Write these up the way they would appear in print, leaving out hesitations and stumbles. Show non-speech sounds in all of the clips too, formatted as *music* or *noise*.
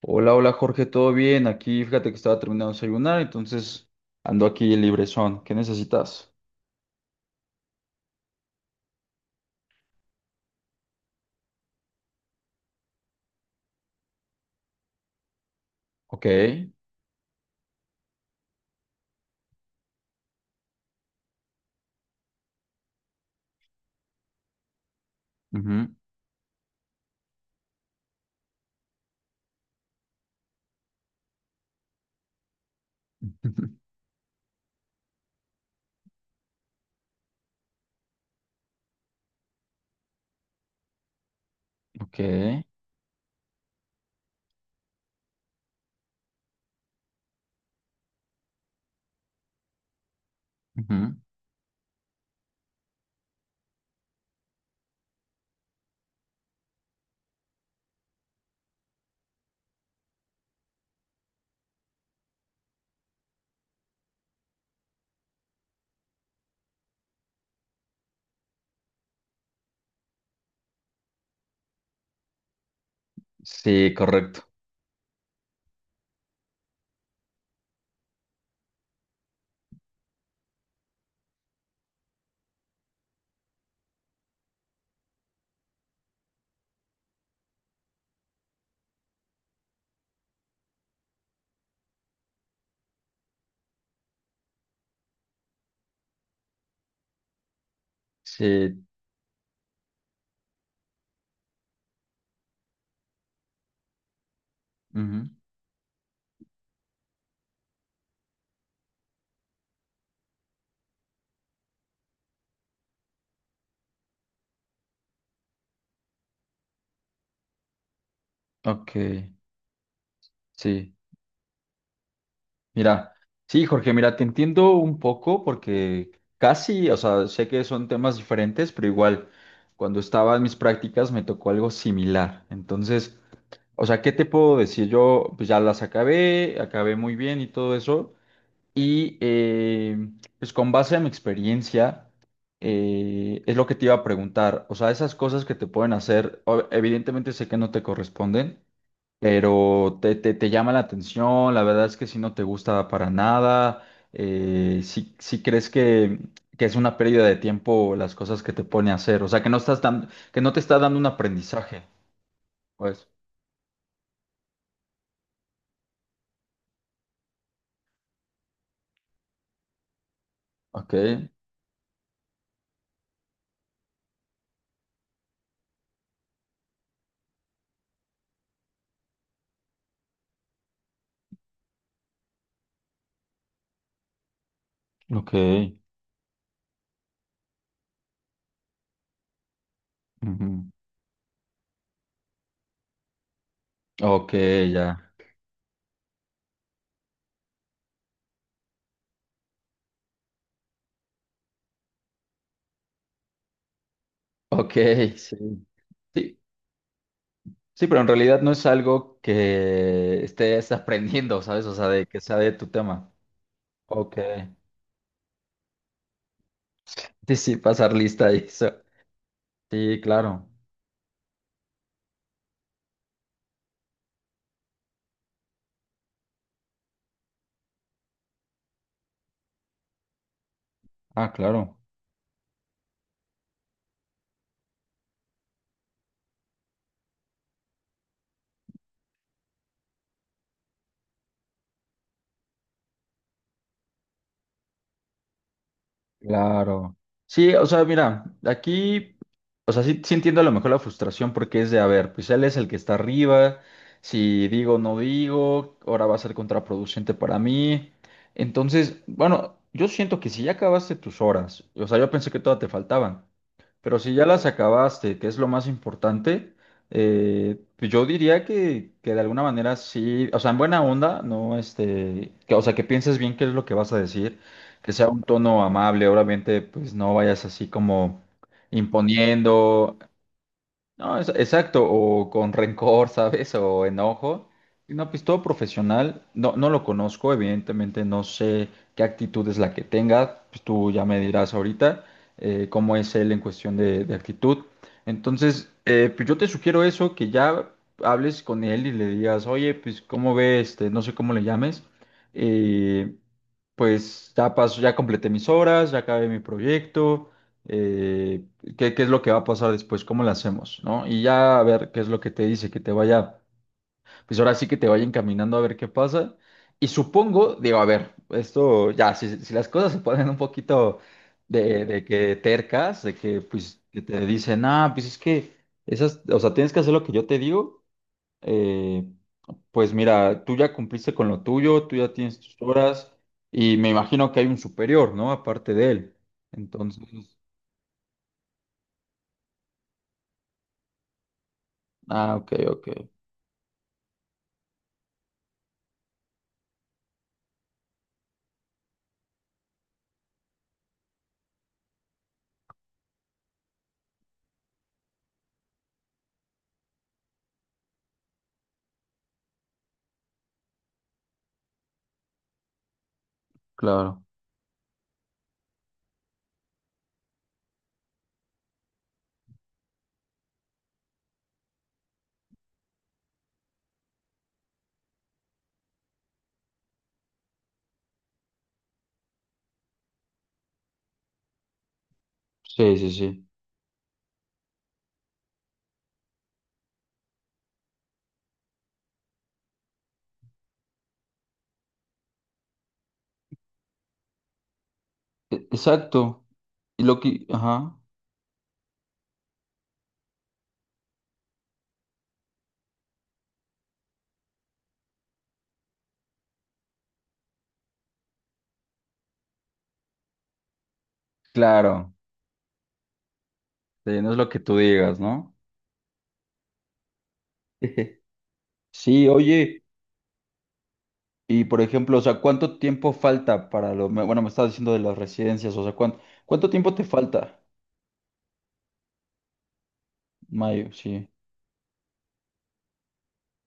Hola, hola Jorge, ¿todo bien? Aquí fíjate que estaba terminando de desayunar, entonces ando aquí librezón. ¿Qué necesitas? Ok, ujú. *laughs* Ok, ujú. Sí, correcto. Sí, ujú. Ok. Sí. Mira, sí, Jorge, mira, te entiendo un poco porque casi, o sea, sé que son temas diferentes, pero igual, cuando estaba en mis prácticas me tocó algo similar. Entonces, o sea, ¿qué te puedo decir? Yo pues ya las acabé, acabé muy bien y todo eso, y pues con base a mi experiencia, es lo que te iba a preguntar. O sea, esas cosas que te pueden hacer, o- evidentemente sé que no te corresponden, pero te llama la atención. La verdad es que si no te gusta para nada, si, si crees que es una pérdida de tiempo las cosas que te pone a hacer. O sea, que no estás dando, que no te está dando un aprendizaje. Pues, ok, ok, ujú. Ok, ya. Ok, sí. Sí. Sí, pero en realidad no es algo que estés aprendiendo, ¿sabes? O sea, de que sea de tu tema. Ok. Sí, sí, pasar lista y eso. Sí, claro. Ah, claro. Claro. Sí, o sea, mira, aquí, o sea, sí, sí entiendo a lo mejor la frustración porque es de, a ver, pues él es el que está arriba, si digo, no digo, ahora va a ser contraproducente para mí. Entonces, bueno, yo siento que si ya acabaste tus horas, o sea, yo pensé que todas te faltaban, pero si ya las acabaste, que es lo más importante, pues yo diría que de alguna manera sí, o sea, en buena onda, no, este, que, o sea, que pienses bien qué es lo que vas a decir, que sea un tono amable, obviamente, pues no vayas así como imponiendo, no, es- exacto, o con rencor, *laughs* ¿sabes? O enojo. Y no, pues todo profesional, no, no lo conozco, evidentemente no sé qué actitud es la que tenga, pues tú ya me dirás ahorita cómo es él en cuestión de actitud. Entonces, pues yo te sugiero eso, que ya hables con él y le digas, oye, pues cómo ve este, no sé cómo le llames. Eh, pues ya paso, ya completé mis horas, ya acabé mi proyecto. eh, ¿Qué, qué es lo que va a pasar después? ¿Cómo lo hacemos? ¿No? Y ya a ver qué es lo que te dice, que te vaya, pues ahora sí que te vaya encaminando a ver qué pasa. Y supongo, digo, a ver, esto ya, si, si las cosas *laughs* se ponen un poquito de que tercas, de que pues que te dicen, ah, pues es que esas, o sea, tienes que hacer lo que yo te digo. eh, pues mira, tú ya cumpliste con lo tuyo, tú ya tienes tus horas y me imagino que hay un superior, ¿no? Aparte de él. Entonces, ah, ok, ok, claro. Sí, sí, sí. E- Exacto. Y lo que, ajá, claro, sí, no es lo que tú digas, ¿no? *laughs* Sí, oye, y por ejemplo, o sea, ¿cuánto tiempo falta para lo, me- bueno, me estás diciendo de las residencias, o sea, ¿cuánto, cuánto tiempo te falta? Mayo, sí.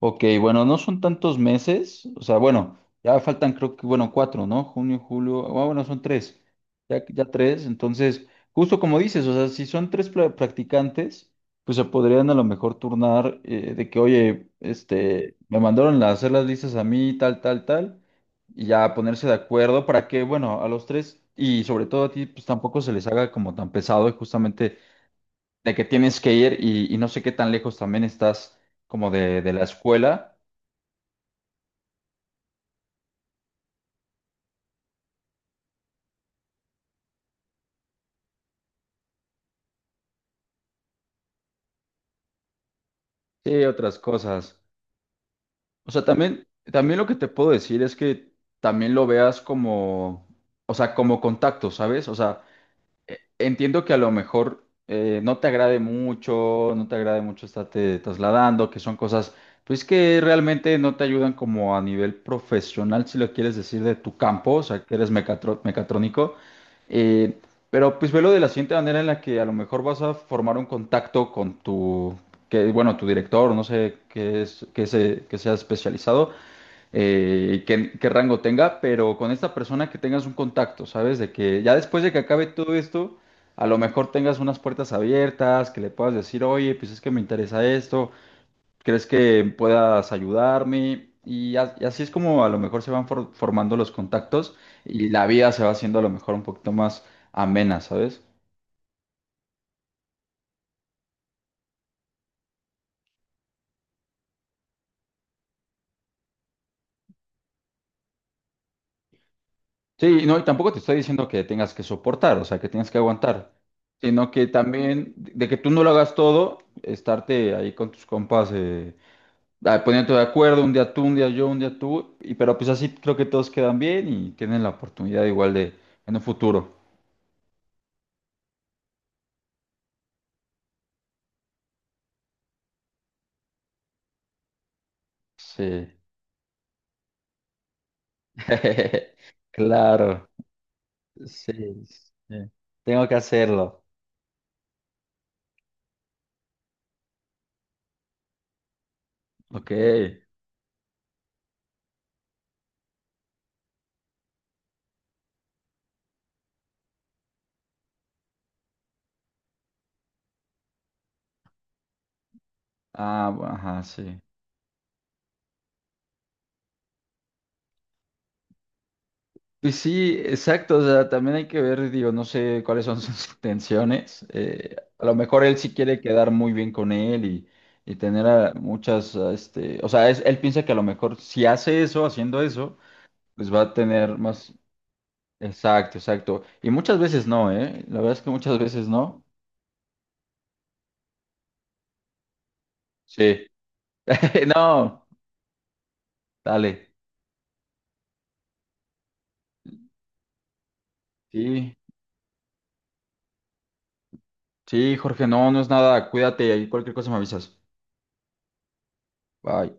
Ok, bueno, no son tantos meses, o sea, bueno, ya faltan creo que, bueno, cuatro, ¿no? Junio, julio, ah, bueno, son tres, ya, ya tres. Entonces, justo como dices, o sea, si son tres pla- practicantes, pues se podrían a lo mejor turnar, de que, oye, este, me mandaron a hacer las listas a mí, tal, tal, tal, y ya ponerse de acuerdo para que, bueno, a los tres, y sobre todo a ti, pues tampoco se les haga como tan pesado, y justamente de que tienes que ir y no sé qué tan lejos también estás como de la escuela. Sí, otras cosas. O sea, también, también lo que te puedo decir es que también lo veas como, o sea, como contacto, ¿sabes? O sea, entiendo que a lo mejor no te agrade mucho, no te agrade mucho estarte trasladando, que son cosas, pues que realmente no te ayudan como a nivel profesional, si lo quieres decir, de tu campo, o sea, que eres mecatro- mecatrónico. Eh, pero pues velo de la siguiente manera en la que a lo mejor vas a formar un contacto con tu, que, bueno, tu director, no sé qué es, qué se, qué sea especializado, qué, qué rango tenga, pero con esta persona que tengas un contacto, ¿sabes? De que ya después de que acabe todo esto, a lo mejor tengas unas puertas abiertas, que le puedas decir, oye, pues es que me interesa esto, ¿crees que puedas ayudarme? Y, a- y así es como a lo mejor se van for- formando los contactos y la vida se va haciendo a lo mejor un poquito más amena, ¿sabes? Sí, no, y tampoco te estoy diciendo que tengas que soportar, o sea, que tengas que aguantar, sino que también de que tú no lo hagas todo, estarte ahí con tus compas, ah, poniéndote de acuerdo, un día tú, un día yo, un día tú, y pero pues así creo que todos quedan bien y tienen la oportunidad igual de en un futuro. Sí. *laughs* Claro. Sí, sí. Tengo que hacerlo. Ok. Ah, bu- ajá, sí. Y sí, exacto, o sea, también hay que ver, digo, no sé cuáles son sus *laughs* intenciones. A lo mejor él sí quiere quedar muy bien con él y tener a muchas, a este, o sea, es- él piensa que a lo mejor si hace eso, haciendo eso, pues va a tener más, exacto, exacto. Y muchas veces no, ¿eh? La verdad es que muchas veces no. Sí. *laughs* No, dale. Sí, sí, Jorge, no, no es nada, cuídate, ahí cualquier cosa me avisas. Bye.